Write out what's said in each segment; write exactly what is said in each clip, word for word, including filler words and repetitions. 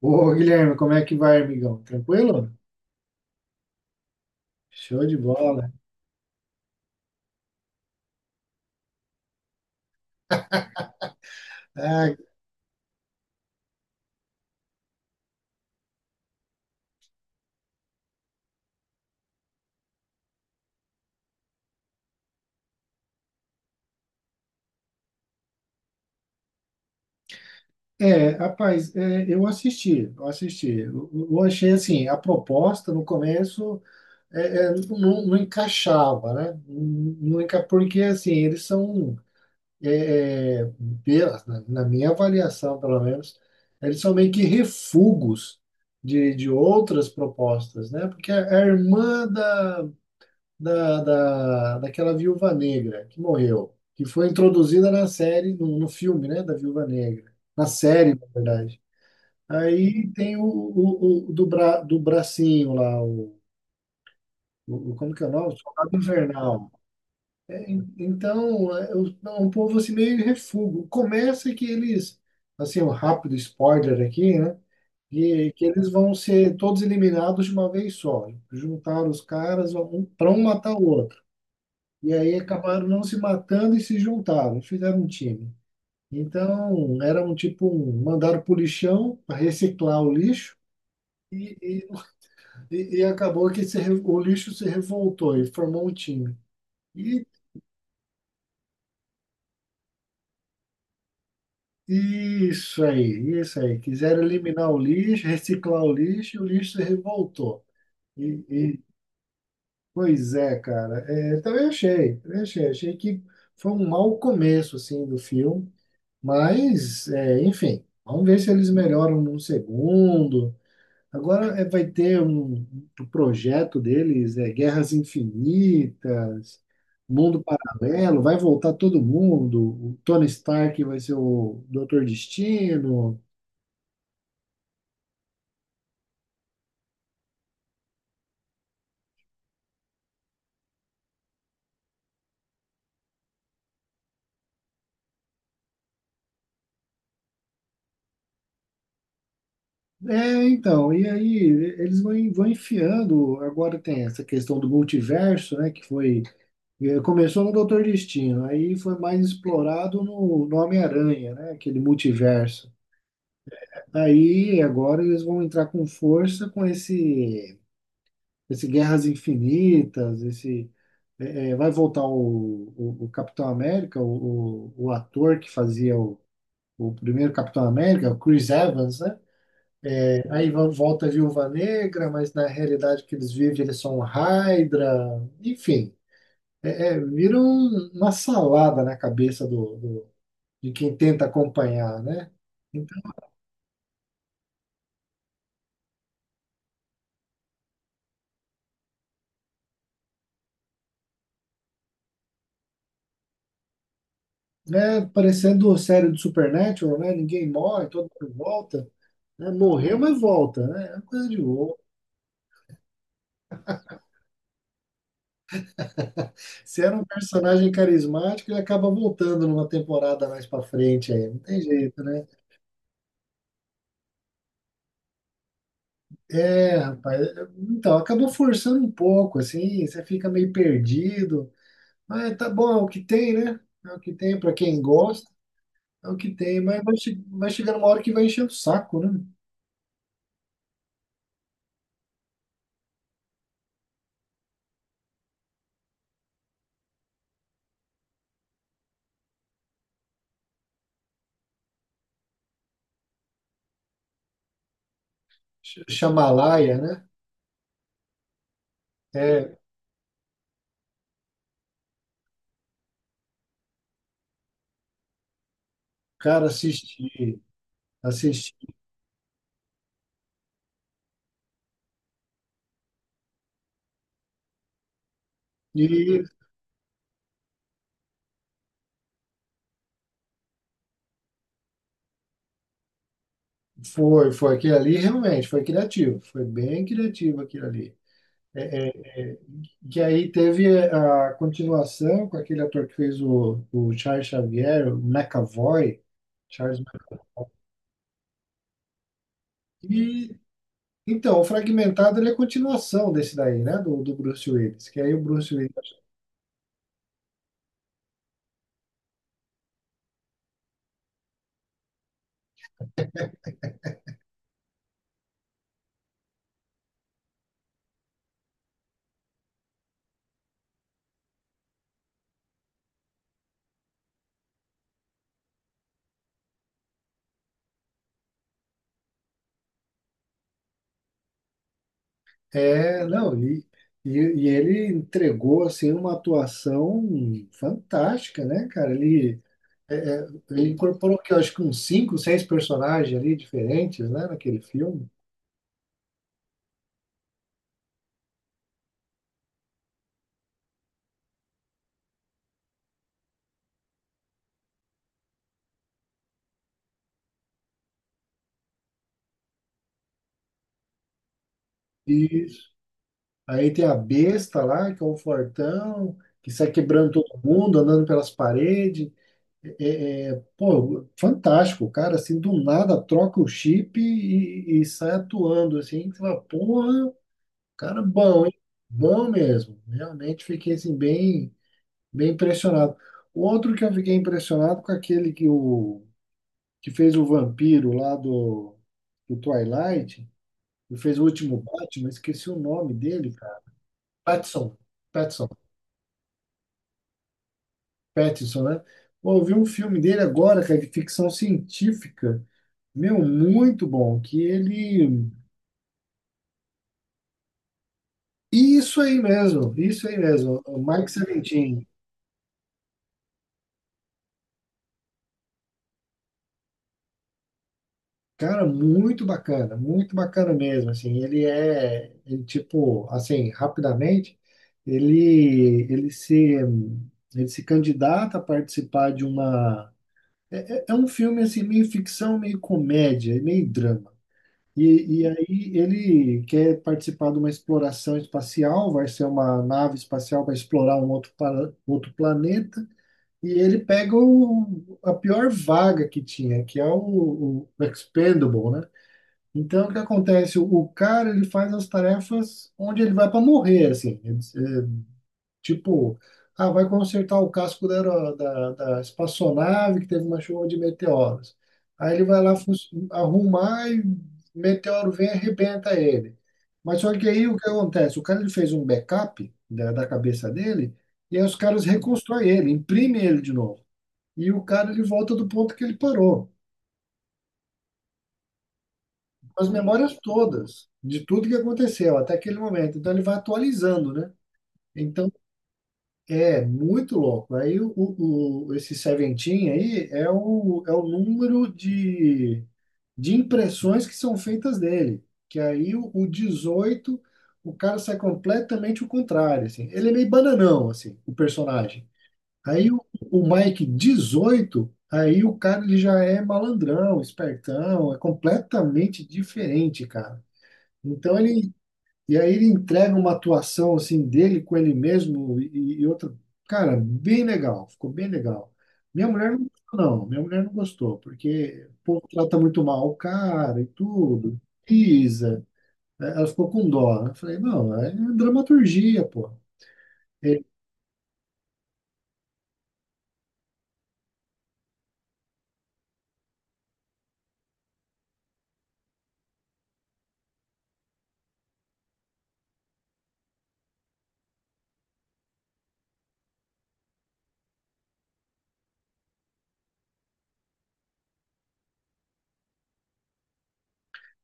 Ô, Guilherme, como é que vai, amigão? Tranquilo? Show de bola. Ah, é, rapaz, é, eu assisti, eu assisti. Eu, eu achei assim, a proposta no começo é, é, não, não encaixava, né? Não, enca- porque assim, eles são, é, é, pela- na, na minha avaliação, pelo menos, eles são meio que refugos de, de outras propostas, né? Porque a, a irmã da da, da, daquela viúva negra que morreu, que foi introduzida na série, no, no filme, né, da Viúva Negra. Na série, na verdade. Aí tem o, o, o do, bra, do bracinho lá, o, o- como que é o nome? O Soldado Invernal. Então, é o- é um povo assim meio refúgio. Começa que eles, assim, um rápido spoiler aqui, né? Que, que eles vão ser todos eliminados de uma vez só. Juntaram os caras, um para um matar o outro. E aí acabaram não se matando e se juntaram, fizeram um time. Então, era um tipo, um, mandaram para o lixão para reciclar o lixo e, e, e- acabou que se, re- o lixo se revoltou e formou um time. E e isso aí, isso aí. Quiseram eliminar o lixo, reciclar o lixo e o lixo se revoltou. E, e- pois é, cara. É, também achei, também achei. Achei que foi um mau começo, assim, do filme. Mas, é, enfim, vamos ver se eles melhoram num segundo. Agora é, vai ter um, um, projeto deles, é Guerras Infinitas, Mundo Paralelo, vai voltar todo mundo. O Tony Stark vai ser o Doutor Destino. É, então, e aí eles vão, vão, enfiando. Agora tem essa questão do multiverso, né? Que foi. eh, Começou no Doutor Destino, aí foi mais explorado no, no, Homem-Aranha, né? Aquele multiverso. Aí agora eles vão entrar com força com esse, esse, Guerras Infinitas, esse é, é, vai voltar o, o, o Capitão América, o, o, o ator que fazia o, o primeiro Capitão América, o Chris Evans, né? Aí vo- volta a Viúva Negra, mas na realidade que eles vivem eles são Hydra, enfim, é, é, vira um- uma salada na cabeça do, do- de quem tenta acompanhar, né? É, parecendo série do Supernatural, né? Ninguém morre, todo mundo volta, né? Morreu, mas volta, né? É uma coisa de louco. Se era um personagem carismático, ele acaba voltando numa temporada mais pra frente aí. Não tem jeito, né? É, rapaz. é- Então, acabou forçando um pouco, assim. Você fica meio perdido. Mas tá bom, é o que tem, né? É o que tem pra quem gosta. É o que tem, mas vai, che- vai chegando uma hora que vai encher o saco, né? Sh- Shamalaia, né? É, cara, assistir. E foi, foi aquilo ali, realmente, foi criativo, foi bem criativo aquilo ali. É, é, é, que aí teve a continuação com aquele ator que fez o, o Charles Xavier, o McAvoy, Charles McAvoy. E, então, o Fragmentado ele é a continuação desse daí, né, do, do Bruce Willis, que aí o Bruce Willis é, não, e, e, e ele entregou, assim, uma atuação fantástica, né, cara, ele. É, é, ele incorporou que eu acho que uns cinco, seis personagens ali diferentes, né, naquele filme. Isso. Aí tem a besta lá, que é o fortão, que sai quebrando todo mundo, andando pelas paredes. É, é, é, pô, fantástico, o cara, assim, do nada troca o chip e, e sai atuando, assim, que você fala, porra, cara bom, hein? Bom mesmo. Realmente fiquei, assim, bem, bem impressionado. Outro que eu fiquei impressionado com aquele que o que fez o vampiro lá do, do Twilight, e fez o último Batman, esqueci o nome dele, cara. Pattinson, Pattinson, Pattinson, né? Pô, eu vi um filme dele agora, cara, de ficção científica, meu, muito bom, que ele. Isso aí mesmo, isso aí mesmo, o Mike Seventeen. Cara, muito bacana, muito bacana mesmo, assim, ele é, ele, tipo, assim, rapidamente, ele, ele se, ele se candidata a participar de uma, é, é é um filme, assim, meio ficção, meio comédia, meio drama, e, e aí ele quer participar de uma exploração espacial, vai ser uma nave espacial para explorar um outro, para outro planeta, e ele pega o, a pior vaga que tinha, que é o, o Expendable, né? Então, o que acontece? O cara, ele faz as tarefas onde ele vai para morrer, assim. Ele- é, tipo, ah, vai consertar o casco da, aero- da, da espaçonave que teve uma chuva de meteoros. Aí ele vai lá fu- arrumar e meteoro vem e arrebenta ele. Mas só que aí o que acontece? O cara, ele fez um backup da, da, cabeça dele e aí os caras reconstroem ele, imprimem ele de novo. E o cara, ele volta do ponto que ele parou. as memórias todas de tudo que aconteceu até aquele momento. Então ele vai atualizando, né? Então é muito louco. Aí o, o- o- esse Seventeen aí é o, é o número de, de impressões que são feitas dele. Que aí o, o dezoito, o cara sai completamente o contrário, assim. Ele é meio bananão, assim, o personagem. Aí o, o Mike dezoito, aí o cara ele já é malandrão, espertão, é completamente diferente, cara. Então ele e aí ele entrega uma atuação assim dele com ele mesmo e, e outra, cara, bem legal, ficou bem legal. Minha mulher não gostou, não, minha mulher não gostou, porque o povo trata muito mal o cara e tudo, pisa. Eh, Ela ficou com dó, né? Eu falei, não, é dramaturgia, pô. É,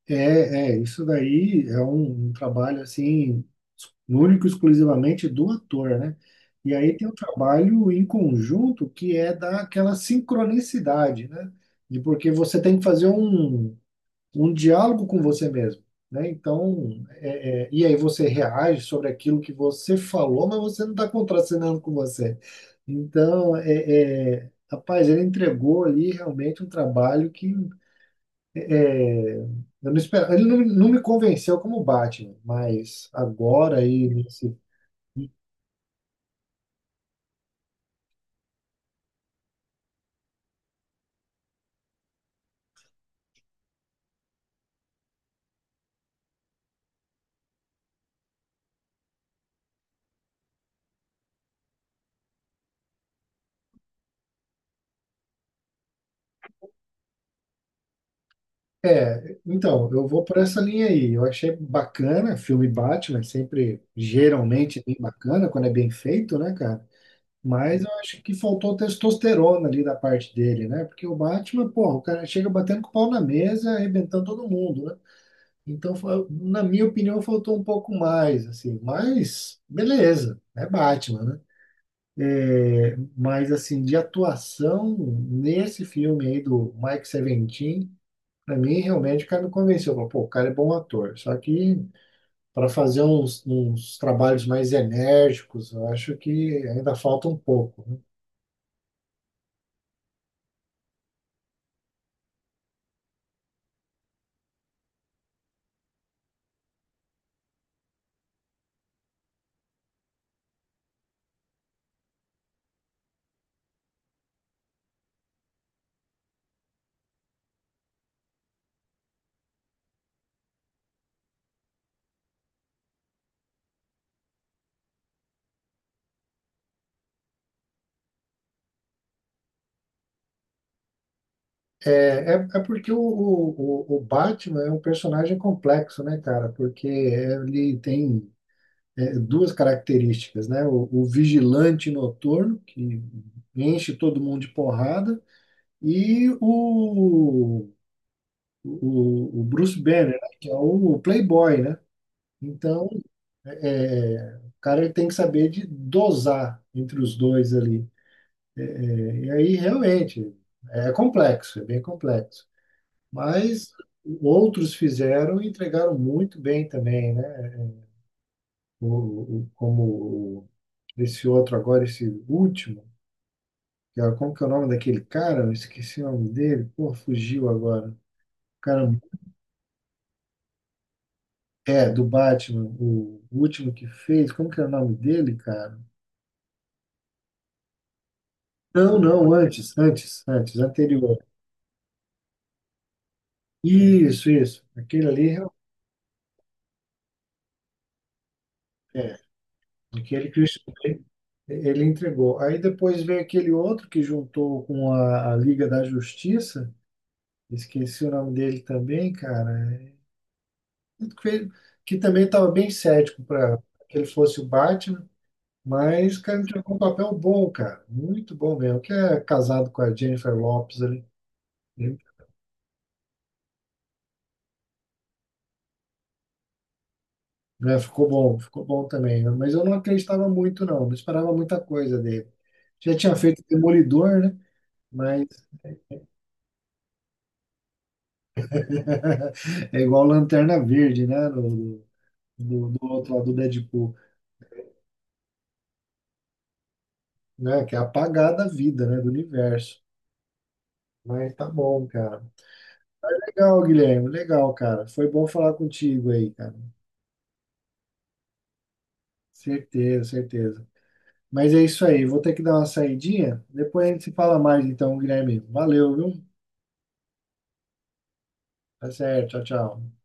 É, é, isso daí é um, um, trabalho assim, único e exclusivamente do ator, né? E aí tem o trabalho em conjunto que é daquela sincronicidade, né? De porque você tem que fazer um, um diálogo com você mesmo, né? Então, é, é, e aí você reage sobre aquilo que você falou, mas você não está contracenando com você. Então, é, é, rapaz, ele entregou ali realmente um trabalho que é. Eu não espero, ele não, não me convenceu como Batman, mas agora aí nesse. É, então, eu vou por essa linha aí. Eu achei bacana, filme Batman, sempre geralmente bem bacana quando é bem feito, né, cara? Mas eu acho que faltou testosterona ali da parte dele, né? Porque o Batman, porra, o cara chega batendo com o pau na mesa, arrebentando todo mundo, né? Então, fa- na minha opinião, faltou um pouco mais, assim. Mas, beleza, é Batman, né? Mas, assim, de atuação nesse filme aí do Mike Seventeen, pra mim, realmente, o cara me convenceu. Falei, pô, o cara é bom ator. Só que para fazer uns, uns trabalhos mais enérgicos, eu acho que ainda falta um pouco, né? É, é, é porque o, o, o o Batman é um personagem complexo, né, cara? Porque ele tem é, duas características, né? O, o vigilante noturno, que enche todo mundo de porrada, e o o, o Bruce Banner, né, que é o playboy, né? Então, é, o cara ele tem que saber de dosar entre os dois ali. E aí, realmente, é complexo, é bem complexo. Mas outros fizeram e entregaram muito bem também, né? O, o- como esse outro agora, esse último, que era, como que é o nome daquele cara? Eu esqueci o nome dele. Pô, fugiu agora. O cara, é, do Batman, o último que fez. Como que é o nome dele, cara? Não, não, antes, antes, antes, anterior. Isso, isso. Aquele ali, real- é, aquele que o Stanley, ele entregou. Aí depois veio aquele outro que juntou com a, a, Liga da Justiça, esqueci o nome dele também, cara, é, que, que também estava bem cético para que ele fosse o Batman, mas, cara, ele jogou um papel bom, cara, muito bom mesmo, que é casado com a Jennifer Lopez ali, né? É, ficou bom, ficou bom também, né. Mas eu não acreditava muito, não. Não esperava muita coisa dele. Já tinha feito Demolidor, né? Mas é igual Lanterna Verde, né? Do, do, do outro lado do Deadpool, né? Que é apagar da vida, né? Do universo. Mas tá bom, cara. Legal, Guilherme. Legal, cara. Foi bom falar contigo aí, cara. Certeza, certeza. Mas é isso aí. Vou ter que dar uma saidinha. Depois a gente se fala mais, então, Guilherme. Valeu, viu? Tá certo. Tchau, tchau.